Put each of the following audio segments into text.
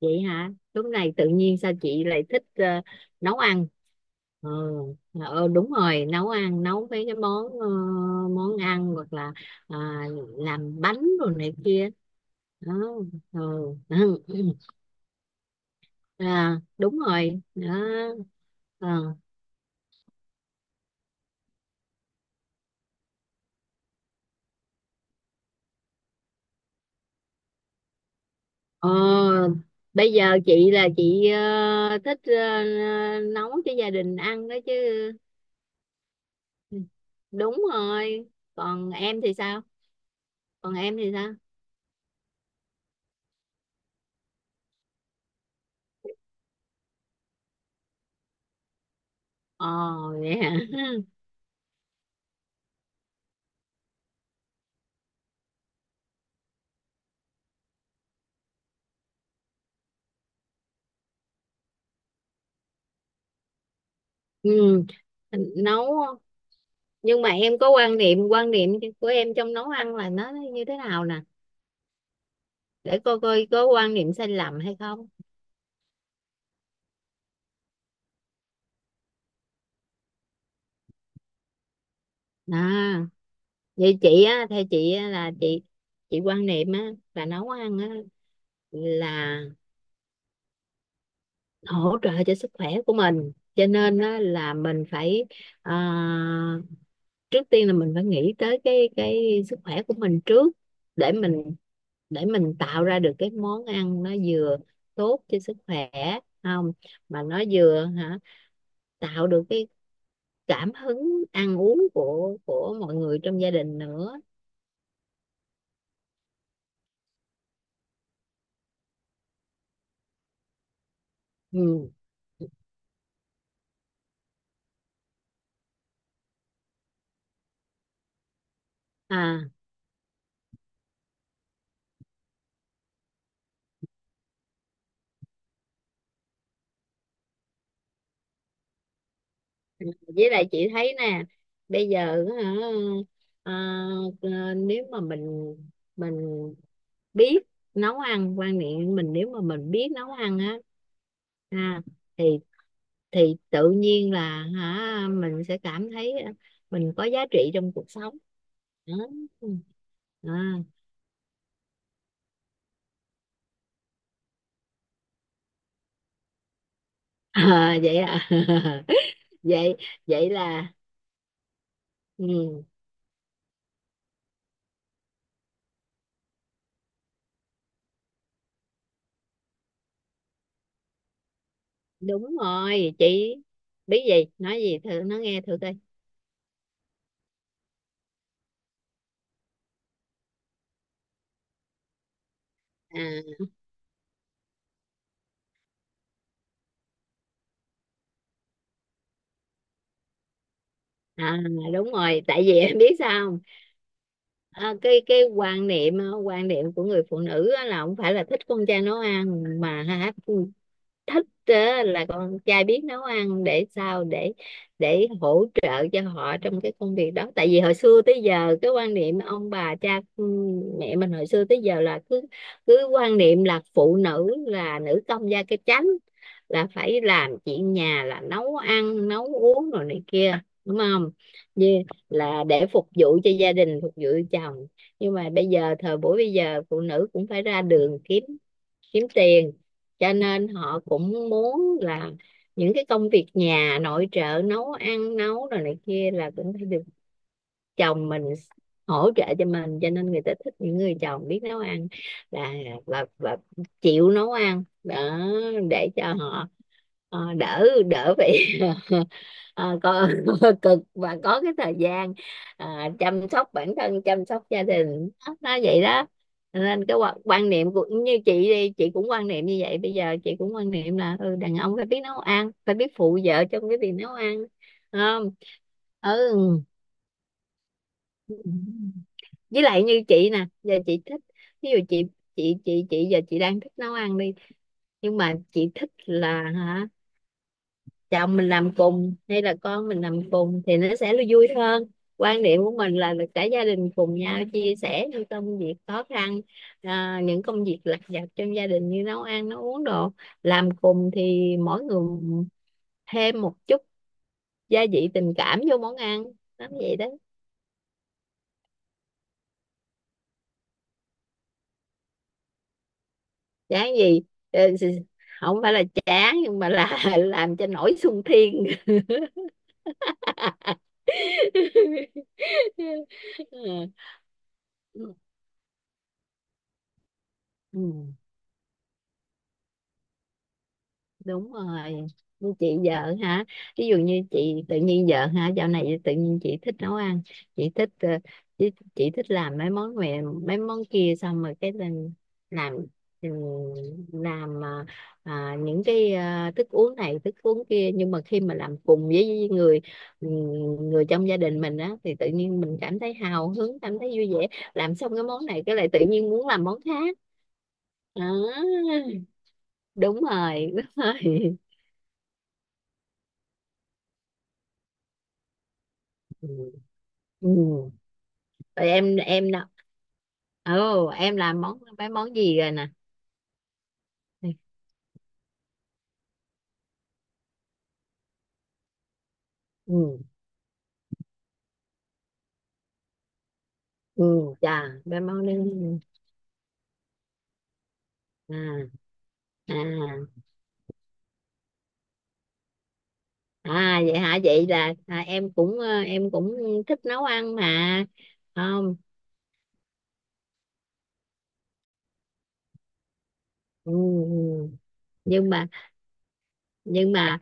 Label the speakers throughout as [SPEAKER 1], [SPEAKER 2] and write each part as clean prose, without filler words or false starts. [SPEAKER 1] Vậy hả? Lúc này tự nhiên sao chị lại thích nấu ăn? Ờ ờ, đúng rồi, nấu ăn, nấu mấy cái món món ăn, hoặc là à, làm bánh rồi này kia đó. ờ, Ừ. À, đúng rồi đó. Ờ Ờ, bây giờ chị là chị thích nấu cho gia đình ăn đó chứ. Đúng rồi. Còn em thì sao? Còn em thì sao? Ồ, vậy hả? Ừ. Nấu. Nhưng mà em có quan niệm của em trong nấu ăn là nó như thế nào nè, để coi coi có quan niệm sai lầm hay không. À, vậy chị á, theo chị á, là chị quan niệm á là nấu ăn á là hỗ trợ cho sức khỏe của mình, cho nên á là mình phải à, trước tiên là mình phải nghĩ tới cái sức khỏe của mình trước, để mình, để mình tạo ra được cái món ăn nó vừa tốt cho sức khỏe, không mà nó vừa hả, tạo được cái cảm hứng ăn uống của mọi người trong gia đình nữa. Ừ. À, với lại chị thấy nè, bây giờ hả, à, à, nếu mà mình biết nấu ăn, quan niệm mình, nếu mà mình biết nấu ăn á, à, thì thì tự nhiên là hả mình sẽ cảm thấy mình có giá trị trong cuộc sống đó. À, à, vậy à? Vậy, vậy là ừ, đúng rồi. Chị biết gì nói gì thử, nó nghe thử coi. À, à, đúng rồi. Tại vì em biết sao không? À, cái quan niệm, à, quan niệm của người phụ nữ á là không phải là thích con trai nấu ăn, mà hả, thích á, là con trai biết nấu ăn để sao, để hỗ trợ cho họ trong cái công việc đó. Tại vì hồi xưa tới giờ cái quan niệm ông bà cha ừ, mẹ mình hồi xưa tới giờ là cứ cứ quan niệm là phụ nữ là nữ công gia cái chánh, là phải làm chuyện nhà, là nấu ăn nấu uống rồi này kia, đúng không? Như là để phục vụ cho gia đình, phục vụ chồng. Nhưng mà bây giờ thời buổi bây giờ phụ nữ cũng phải ra đường kiếm kiếm tiền, cho nên họ cũng muốn là những cái công việc nhà nội trợ, nấu ăn nấu rồi này kia là cũng phải được chồng mình hỗ trợ cho mình, cho nên người ta thích những người chồng biết nấu ăn là và chịu nấu ăn đó, để cho họ đỡ đỡ phải ờ, có cực, và có cái thời gian ờ, chăm sóc bản thân, chăm sóc gia đình, nó vậy đó. Cho nên cái quan quan niệm của như chị đi, chị cũng quan niệm như vậy, bây giờ chị cũng quan niệm là ừ, đàn ông phải biết nấu ăn, phải biết phụ vợ trong cái việc nấu ăn. Không? Ừ, với lại như chị nè, giờ chị thích, ví dụ chị, chị giờ chị đang thích nấu ăn đi, nhưng mà chị thích là hả, chồng mình làm cùng hay là con mình làm cùng thì nó sẽ là vui hơn. Quan điểm của mình là cả gia đình cùng nhau chia sẻ những công việc khó khăn, à, những công việc lặt vặt trong gia đình như nấu ăn nấu uống đồ, làm cùng thì mỗi người thêm một chút gia vị tình cảm vô món ăn lắm vậy đó. Chán gì. Ờ, không phải là chán, nhưng mà là làm cho nổi sung thiên. Ừ. Ừ. Đúng rồi. Như chị vợ hả, ví dụ như chị tự nhiên vợ hả, dạo này tự nhiên chị thích nấu ăn, chị thích chị thích làm mấy món này mấy món kia xong rồi cái lên làm ừ, làm à, à, những cái à, thức uống này thức uống kia, nhưng mà khi mà làm cùng với người ừ, người trong gia đình mình á thì tự nhiên mình cảm thấy hào hứng, cảm thấy vui vẻ, làm xong cái món này cái lại tự nhiên muốn làm món khác. À, đúng rồi, đúng rồi. Ừ. Rồi em nấu. Ồ, em làm món mấy món gì rồi nè? Ừ. Ừ, chà mấy món đấy. À, à, à, vậy hả? Vậy là à, em cũng em cũng thích nấu ăn mà. Không. Ừ, ừ. Nhưng mà, nhưng mà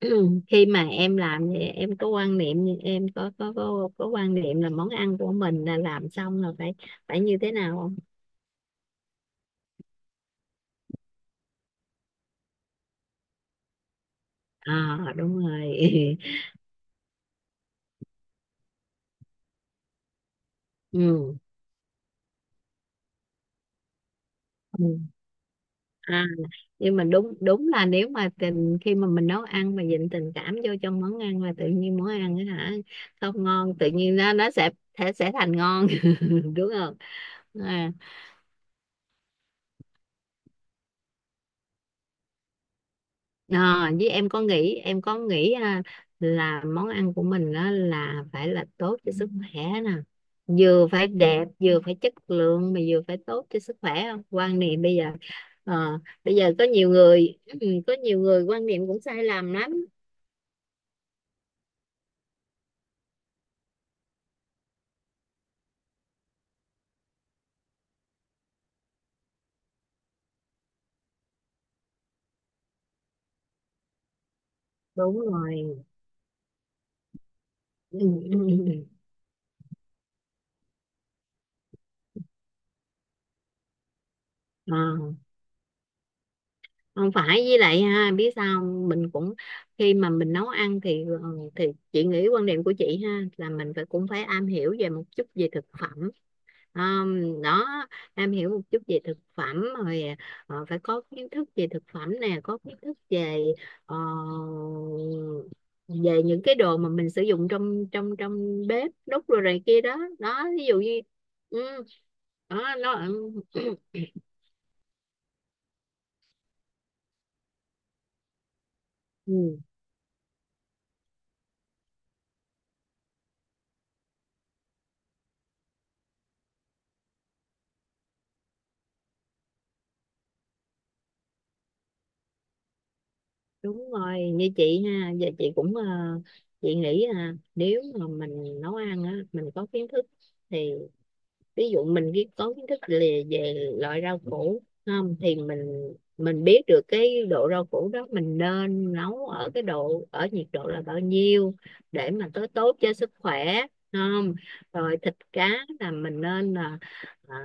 [SPEAKER 1] khi mà em làm thì em có quan niệm, em có quan niệm là món ăn của mình là làm xong là phải, phải như thế nào, không? À, đúng rồi. Ừ. Ừ. À, nhưng mà đúng, đúng là nếu mà tình, khi mà mình nấu ăn mà dịnh tình cảm vô trong món ăn là tự nhiên món ăn á hả, không ngon tự nhiên nó sẽ sẽ thành ngon, đúng không? À, à, với em có nghĩ, em có nghĩ à, là món ăn của mình đó là phải là tốt cho sức khỏe nè, vừa phải đẹp, vừa phải chất lượng, mà vừa phải tốt cho sức khỏe, không quan niệm bây giờ ờ, bây giờ có nhiều người có nhiều người quan niệm cũng sai lầm lắm. Đúng rồi. Ờ, không phải, với lại ha biết sao không? Mình cũng khi mà mình nấu ăn thì thì chị nghĩ quan điểm của chị ha là mình phải cũng phải am hiểu về một chút về thực phẩm. Đó, am hiểu một chút về thực phẩm rồi ờ, phải có kiến thức về thực phẩm nè, có kiến thức về ờ, về những cái đồ mà mình sử dụng trong trong trong bếp đút rồi này kia đó đó, ví dụ như ừ, đó nó ừ. Đúng rồi, như chị ha, giờ chị cũng chị nghĩ là nếu mà mình nấu ăn á, mình có kiến thức thì ví dụ mình cái có kiến thức về loại rau củ không thì mình biết được cái độ rau củ đó mình nên nấu ở cái độ, ở nhiệt độ là bao nhiêu để mà tới tốt cho sức khỏe, không, rồi thịt cá là mình nên là à,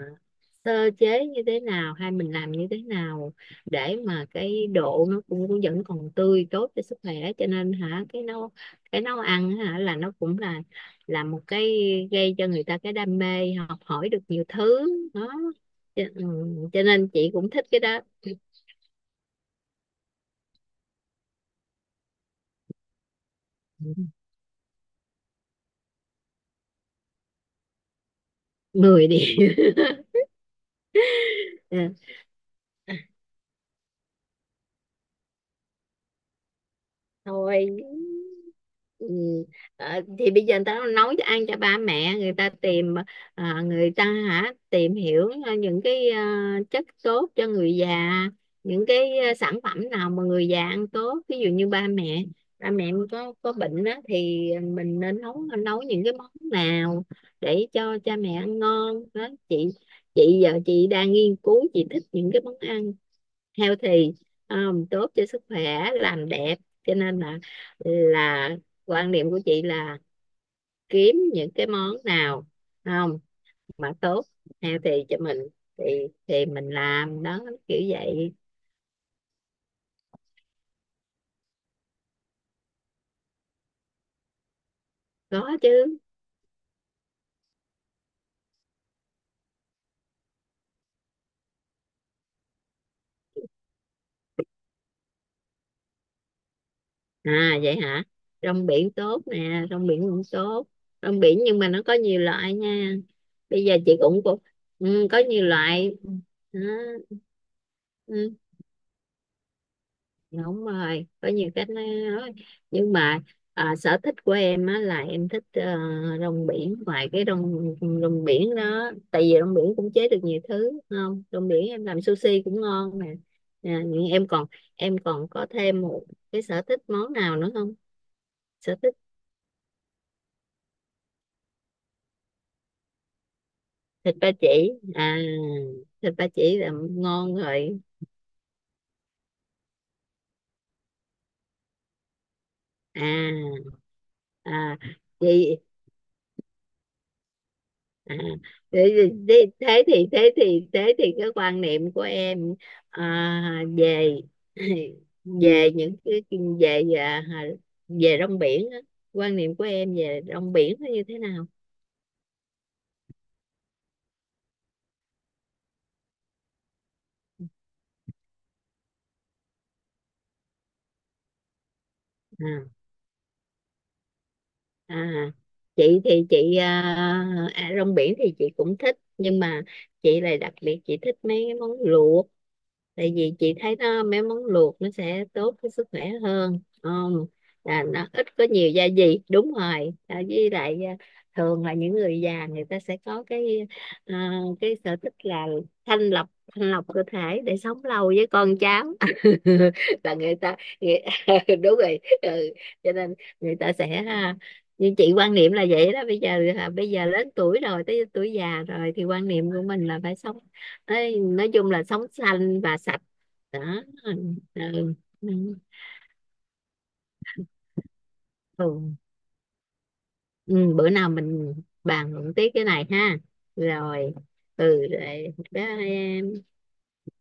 [SPEAKER 1] sơ chế như thế nào hay mình làm như thế nào để mà cái độ nó cũng vẫn còn tươi, tốt cho sức khỏe, cho nên hả cái nấu, cái nấu ăn hả là nó cũng là một cái gây cho người ta cái đam mê học hỏi được nhiều thứ đó. Cho, ừ, cho nên chị cũng thích cái đó. Mười đi. Thôi, ừ. Ờ, thì bây giờ người ta nấu cho ăn cho ba mẹ, người ta tìm à, người ta hả tìm hiểu ờ, những cái à, chất tốt cho người già, những cái à, sản phẩm nào mà người già ăn tốt, ví dụ như ba mẹ, ba mẹ có bệnh đó thì mình nên nấu, nấu những cái món nào để cho cha mẹ ăn ngon đó chị. Chị giờ chị đang nghiên cứu, chị thích những cái món ăn healthy, tốt cho sức khỏe, làm đẹp, cho nên là quan niệm của chị là kiếm những cái món nào không mà tốt, healthy cho mình thì thì mình làm đó, kiểu vậy. Có chứ. À, vậy hả? Rong biển tốt nè, rong biển cũng tốt. Rong biển nhưng mà nó có nhiều loại nha, bây giờ chị cũng cũng ừ, có nhiều loại, ừ, ừ, đúng rồi có nhiều cách nói. Nhưng mà à, sở thích của em á, là em thích rong biển, ngoài cái rong rong biển đó, tại vì rong biển cũng chế được nhiều thứ đúng không, rong biển em làm sushi cũng ngon nè. Nè, nhưng em còn, em còn có thêm một cái sở thích món nào nữa không? Sở thích. Thịt ba chỉ à? Thịt ba chỉ là ngon rồi. À, à, vậy. À, thế thì cái quan niệm của em à, về về những cái, về về về rong biển á, quan niệm của em về rong biển nó như thế nào? À, à, chị thì chị à, à, rong biển thì chị cũng thích, nhưng mà chị lại đặc biệt chị thích mấy cái món luộc, tại vì chị thấy nó, mấy món luộc nó sẽ tốt với sức khỏe hơn, không là nó ít có nhiều gia vị, đúng rồi à, với lại à, thường là những người già người ta sẽ có cái à, cái sở thích là thanh lọc, thanh lọc cơ thể để sống lâu với con cháu. Là người ta, người, đúng rồi ừ. Cho nên người ta sẽ à, như chị quan niệm là vậy đó, bây giờ à, bây giờ lớn tuổi rồi, tới tuổi già rồi thì quan niệm của mình là phải sống, ê, nói chung là sống xanh và sạch đó. Ừ. Ừ. Ừ. Ừ. Ừ, bữa nào mình bàn luận tiếp cái này ha. Rồi, ừ, rồi bye.